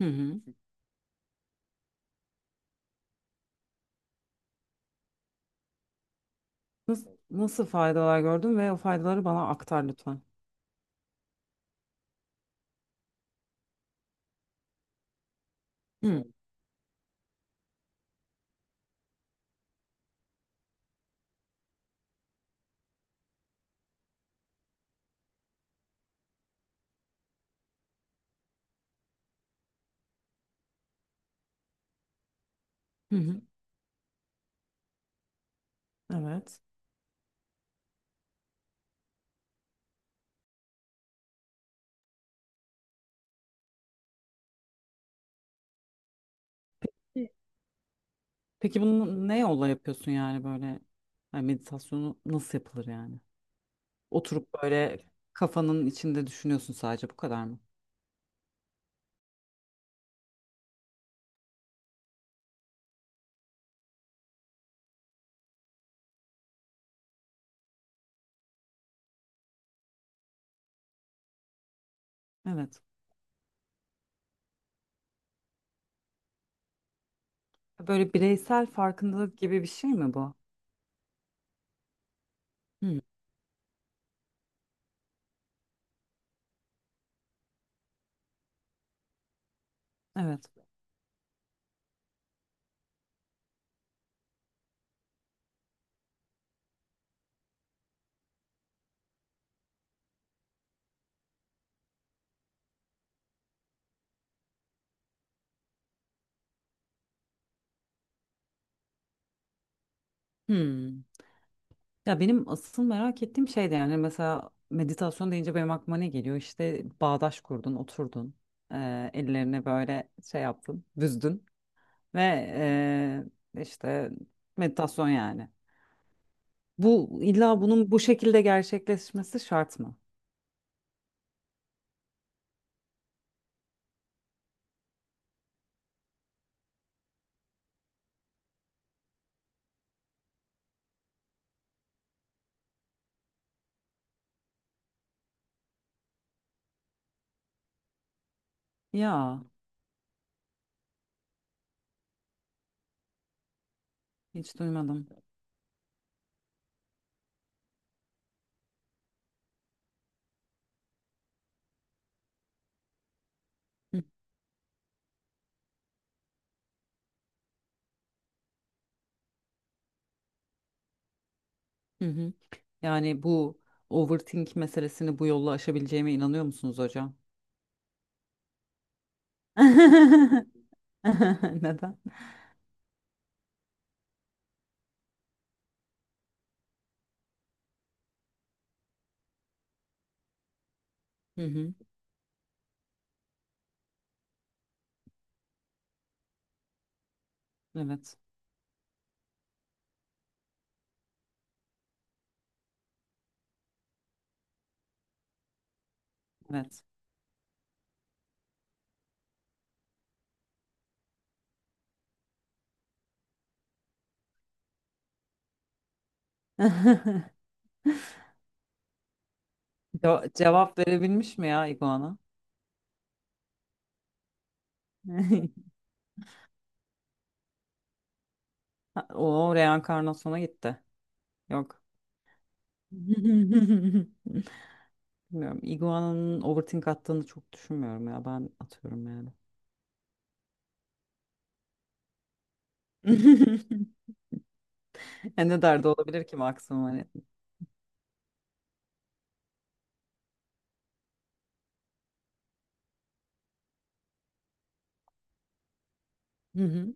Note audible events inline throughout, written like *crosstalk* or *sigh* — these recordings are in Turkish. Hı hı. Nasıl faydalar gördün ve o faydaları bana aktar lütfen. Hı hı. Hı. Evet. E, Peki bunu ne yolla yapıyorsun yani böyle yani meditasyonu nasıl yapılır yani? Oturup böyle kafanın içinde düşünüyorsun sadece bu kadar mı? Evet. Böyle bireysel farkındalık gibi bir şey mi bu? Hı. Evet. Hı. Ya benim asıl merak ettiğim şey de yani mesela meditasyon deyince benim aklıma ne geliyor? İşte bağdaş kurdun, oturdun, ellerine böyle şey yaptın, büzdün. Ve işte meditasyon yani. Bu illa bunun bu şekilde gerçekleşmesi şart mı? Ya hiç duymadım. Hı hı. Hı. Yani bu overthink meselesini bu yolla aşabileceğime inanıyor musunuz hocam? *laughs* Neden? Hı hı. Evet. Evet. *laughs* Cevap verebilmiş mi ya iguana? *laughs* O reenkarnasyona gitti. Yok. *laughs* Bilmiyorum. Iguana'nın overthink attığını çok düşünmüyorum ya. Ben atıyorum yani. *laughs* Ne derdi olabilir ki maksimum hani. Hı hı.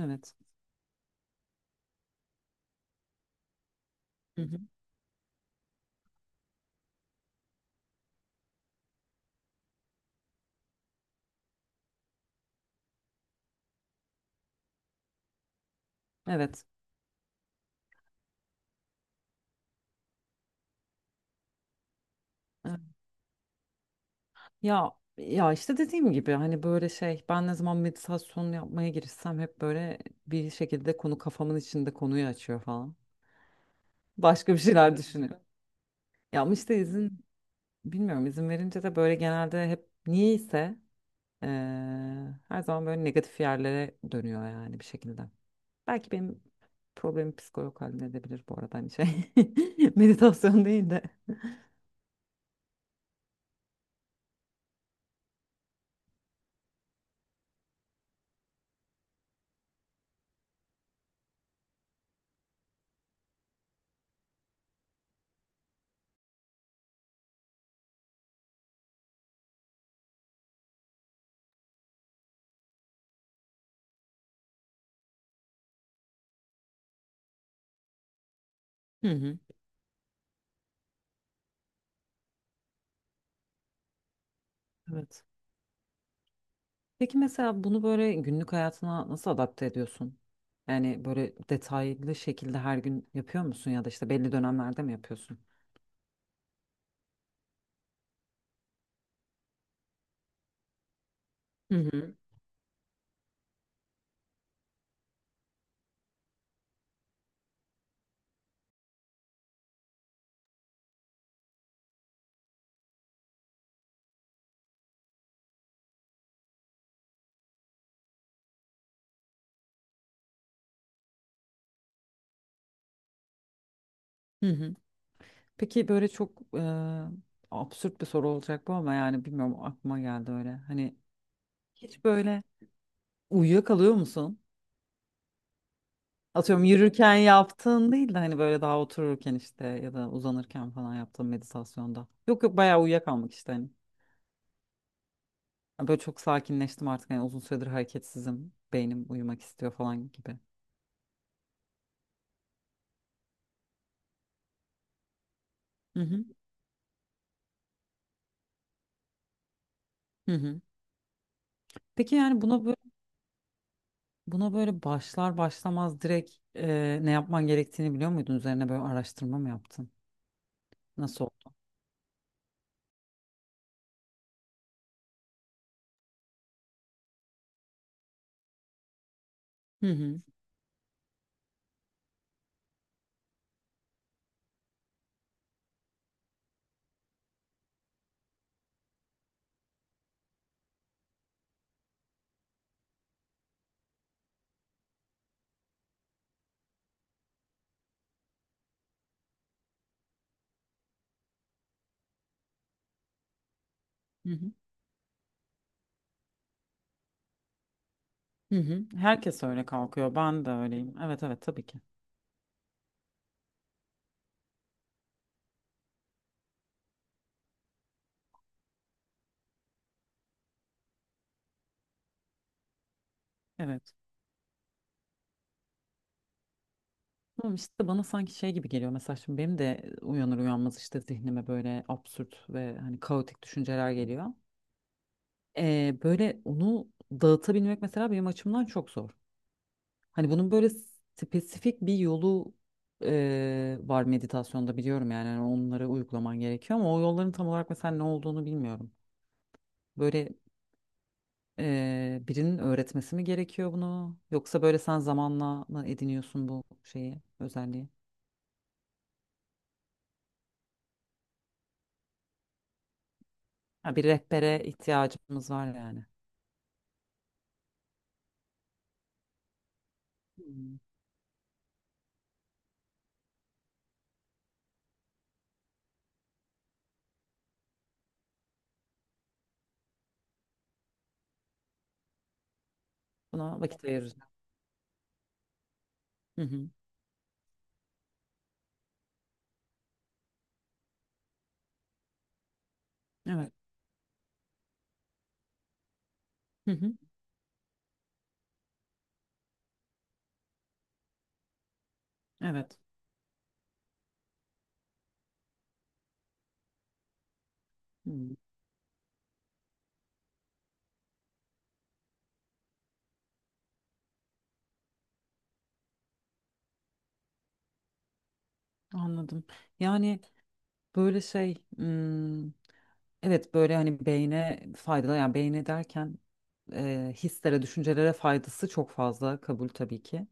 Evet. Hı hı. Evet. Evet. Ya ya işte dediğim gibi hani böyle şey ben ne zaman meditasyon yapmaya girişsem hep böyle bir şekilde konu kafamın içinde konuyu açıyor falan. Başka bir şeyler düşünüyorum. Ya ama işte bilmiyorum, izin verince de böyle genelde hep niyeyse eee, her zaman böyle negatif yerlere dönüyor yani bir şekilde. Belki benim problemi psikolog halledebilir bu arada hani şey. *laughs* Meditasyon değil de. Hı hı. Evet. Peki mesela bunu böyle günlük hayatına nasıl adapte ediyorsun? Yani böyle detaylı şekilde her gün yapıyor musun ya da işte belli dönemlerde mi yapıyorsun? Hı hı. Hı hı. Peki böyle çok absürt bir soru olacak bu ama yani bilmiyorum aklıma geldi öyle. Hani hiç böyle uyuyakalıyor musun? Atıyorum yürürken yaptığın değil de hani böyle daha otururken işte ya da uzanırken falan yaptığın meditasyonda. Yok, yok, bayağı uyuyakalmak işte hani. Yani böyle çok sakinleştim artık hani uzun süredir hareketsizim. Beynim uyumak istiyor falan gibi. Hı hı. Hı hı. Peki yani buna böyle başlar başlamaz direkt ne yapman gerektiğini biliyor muydun? Üzerine böyle araştırma mı yaptın? Nasıl oldu? Hı hı. Hı hı. Hı hı. Herkes öyle kalkıyor. Ben de öyleyim. Evet, evet, tabii ki. Evet. Tamam, işte bana sanki şey gibi geliyor, mesela şimdi benim de uyanır uyanmaz işte zihnime böyle absürt ve hani kaotik düşünceler geliyor. Böyle onu dağıtabilmek mesela benim açımdan çok zor. Hani bunun böyle spesifik bir yolu var meditasyonda, biliyorum yani hani onları uygulaman gerekiyor ama o yolların tam olarak mesela ne olduğunu bilmiyorum. Böyle birinin öğretmesi mi gerekiyor bunu, yoksa böyle sen zamanla mı ediniyorsun bu şeyi, özelliği? Ha, bir rehbere ihtiyacımız var yani. Hmm. Buna vakit ayıracağım. Hı hı. Evet. Hı hı. Evet. Hmm. Anladım. Yani böyle şey, evet böyle hani beyne faydalı, yani beyne derken hislere, düşüncelere faydası çok fazla, kabul tabii ki.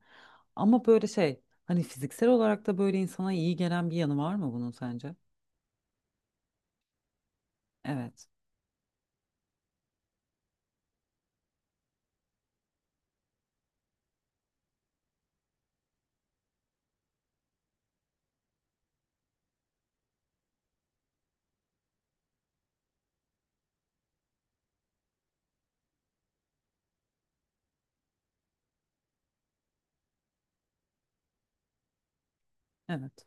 Ama böyle şey, hani fiziksel olarak da böyle insana iyi gelen bir yanı var mı bunun sence? Evet. Evet.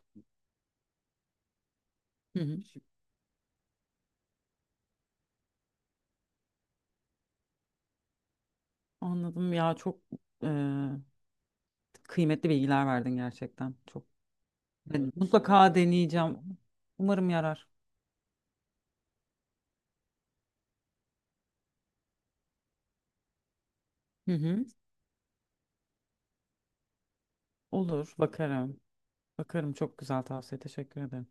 Hı hı. Anladım ya, çok e, kıymetli bilgiler verdin gerçekten. Çok. Ben mutlaka deneyeceğim. Umarım yarar. Hı hı. Olur, bakarım. Bakarım, çok güzel tavsiye. Teşekkür ederim.